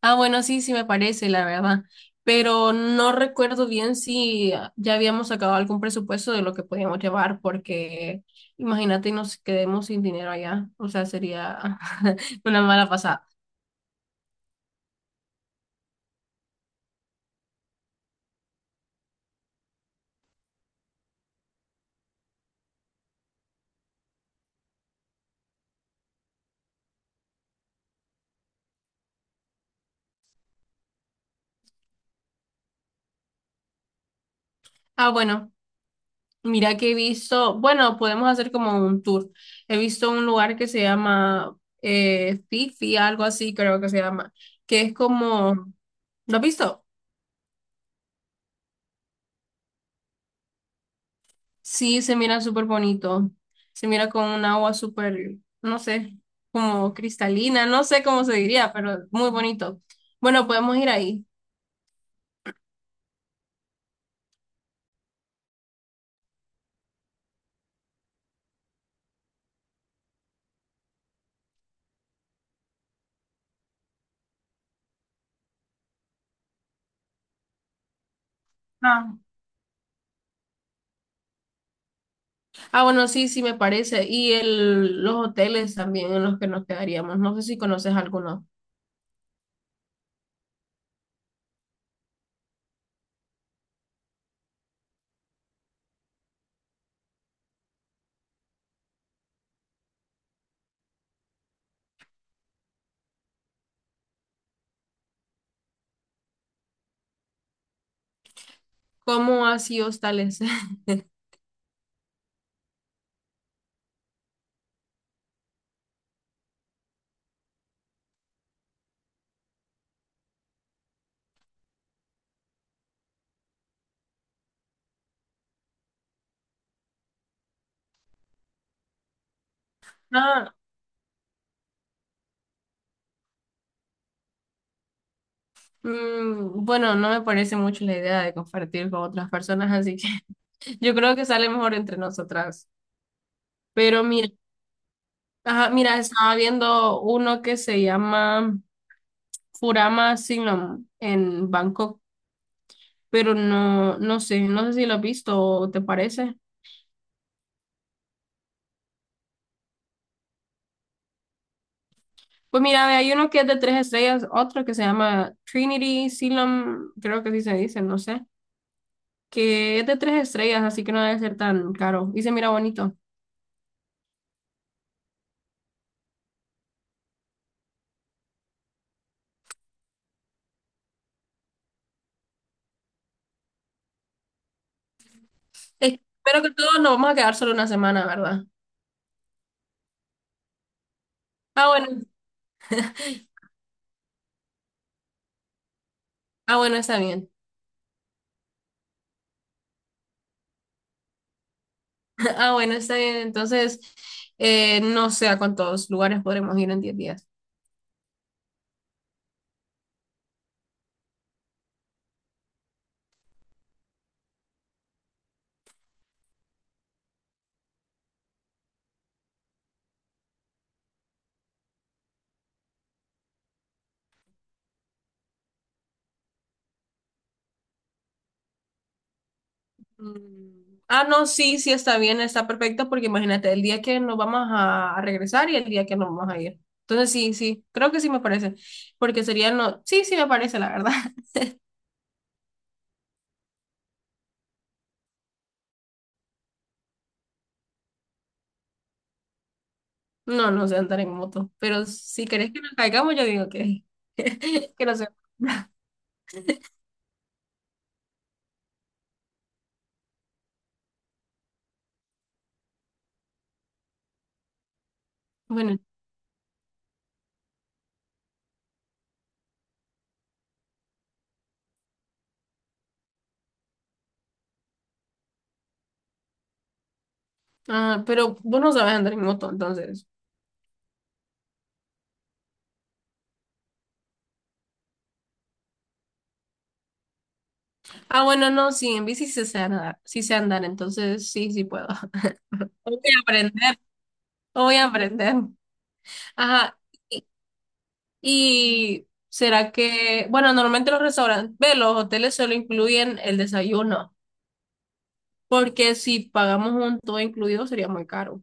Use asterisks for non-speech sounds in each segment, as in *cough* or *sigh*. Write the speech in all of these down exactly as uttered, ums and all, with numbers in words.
Ah, bueno, sí, sí me parece, la verdad. Pero no recuerdo bien si ya habíamos sacado algún presupuesto de lo que podíamos llevar, porque imagínate nos quedemos sin dinero allá. O sea, sería *laughs* una mala pasada. Ah, bueno, mira que he visto, bueno, podemos hacer como un tour. He visto un lugar que se llama eh, Fifi, algo así creo que se llama, que es como, ¿lo has visto? Sí, se mira súper bonito. Se mira con un agua súper, no sé, como cristalina, no sé cómo se diría, pero muy bonito. Bueno, podemos ir ahí. Ah, Ah, bueno, sí, sí me parece. Y el, los hoteles también en los que nos quedaríamos. No sé si conoces alguno. ¿Cómo así hostales? *laughs* Ah, mm, bueno, no me parece mucho la idea de compartir con otras personas, así que *laughs* yo creo que sale mejor entre nosotras. Pero mira, ajá, mira, estaba viendo uno que se llama Furama Signum en Bangkok, pero no, no sé, no sé si lo has visto o te parece. Pues mira, ve, hay uno que es de tres estrellas, otro que se llama Trinity Signum, creo que sí se dice, no sé, que es de tres estrellas, así que no debe ser tan caro y se mira bonito. Espero que todos nos vamos a quedar solo una semana, ¿verdad? Ah, bueno, ah, bueno, está bien. *laughs* Ah, bueno, está bien. Entonces, eh, no sé a cuántos lugares podremos ir en diez días. Mm. Ah, no, sí, sí está bien, está perfecto, porque imagínate, el día que nos vamos a, a regresar y el día que nos vamos a ir. Entonces, sí, sí, creo que sí me parece, porque sería, no, sí, sí me parece, la verdad. *laughs* No, no sé andar en moto, pero si querés que nos caigamos, yo digo que, *laughs* que no sé. *laughs* Bueno, ah, pero vos no sabes andar en moto, entonces. Ah, bueno, no, sí, en bici sí sé andar, sí sé andar, entonces sí, sí puedo. *laughs* Voy a aprender, voy a aprender. Ajá. Y será que, bueno, normalmente los restaurantes, ve, los hoteles solo incluyen el desayuno, porque si pagamos un todo incluido sería muy caro.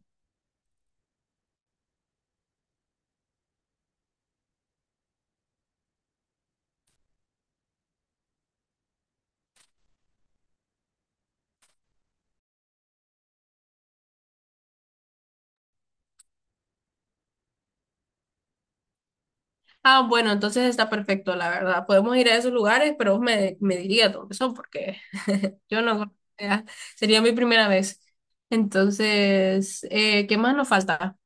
Ah, bueno, entonces está perfecto, la verdad. Podemos ir a esos lugares, pero vos me, me diría dónde son, porque yo no conocía. Sería mi primera vez. Entonces, eh, ¿qué más nos falta?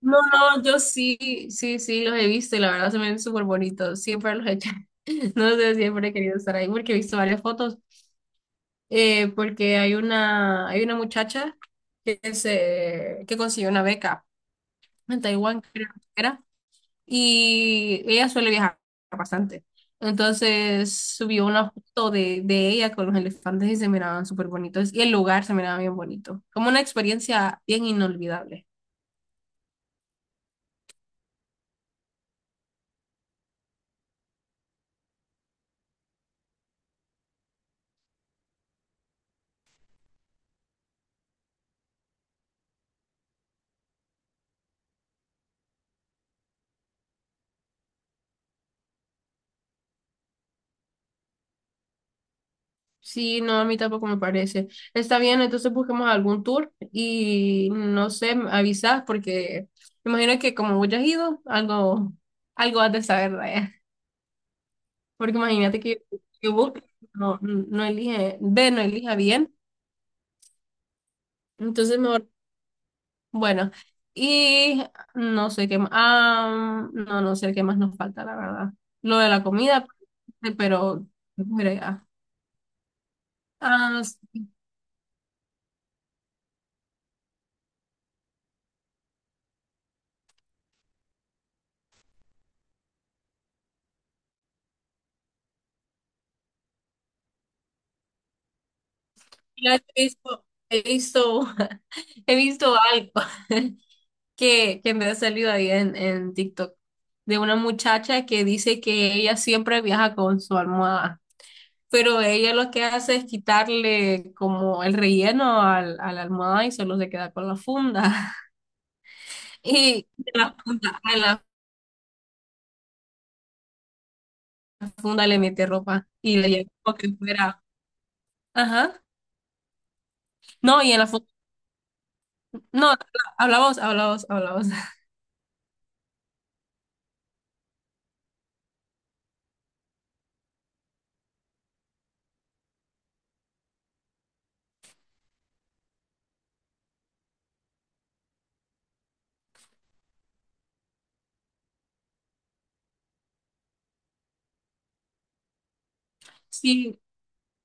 No, no, yo sí, sí, sí, los he visto y la verdad se me ven súper bonitos. Siempre los he hecho. *laughs* No sé, siempre he querido estar ahí porque he visto varias fotos. Eh, porque hay una, hay una muchacha que, se, que consiguió una beca en Taiwán, creo que era, y ella suele viajar bastante. Entonces subió una foto de, de ella con los elefantes y se miraban súper bonitos, y el lugar se miraba bien bonito, como una experiencia bien inolvidable. Sí, no, a mí tampoco me parece. Está bien, entonces busquemos algún tour y no sé, me avisas porque me imagino que como vos ya has ido, algo, algo has de saber de... Porque imagínate que Facebook no, no elige, B no elija bien. Entonces mejor, bueno. Y no sé qué más. Ah, no, no sé qué más nos falta, la verdad. Lo de la comida, este, pero brega. Ah, sí, ya he visto, he visto, *laughs* he visto algo *laughs* que, que me ha salido ahí en, en TikTok de una muchacha que dice que ella siempre viaja con su almohada. Pero ella lo que hace es quitarle como el relleno al, a la almohada y solo se queda con la funda. *laughs* Y de la funda, a la funda le mete ropa y le lleva como que fuera. Ajá. No, y en la funda. No, habla vos, habla vos, habla vos. *laughs* Sí,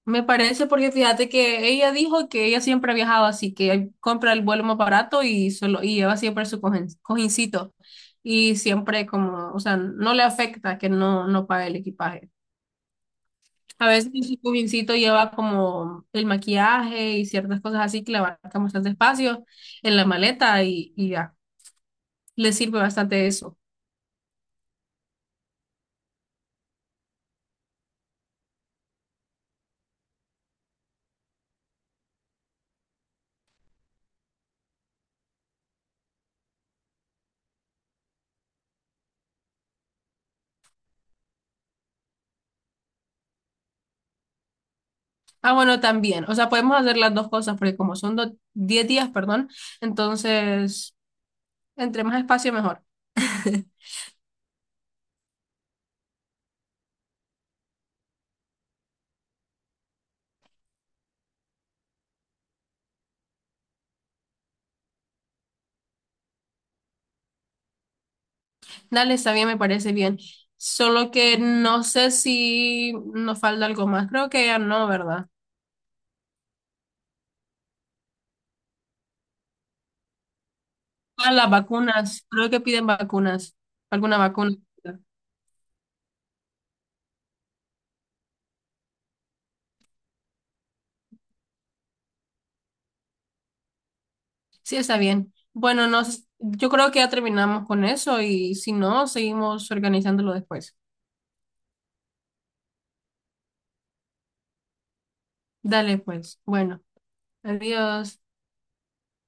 me parece porque fíjate que ella dijo que ella siempre ha viajado así, que compra el vuelo más barato y, solo, y lleva siempre su cojín- cojincito. Y siempre como, o sea, no le afecta que no, no pague el equipaje. A veces el cojincito lleva como el maquillaje y ciertas cosas así que le abarcan bastante espacio en la maleta y, y ya, le sirve bastante eso. Ah, bueno, también, o sea, podemos hacer las dos cosas porque como son do- diez días, perdón, entonces, entre más espacio, mejor. *laughs* Dale, está bien, me parece bien. Solo que no sé si nos falta algo más. Creo que ya no, ¿verdad? Ah, las vacunas. Creo que piden vacunas. Alguna vacuna. Sí, está bien. Bueno, no, s- yo creo que ya terminamos con eso y si no, seguimos organizándolo después. Dale, pues. Bueno, adiós.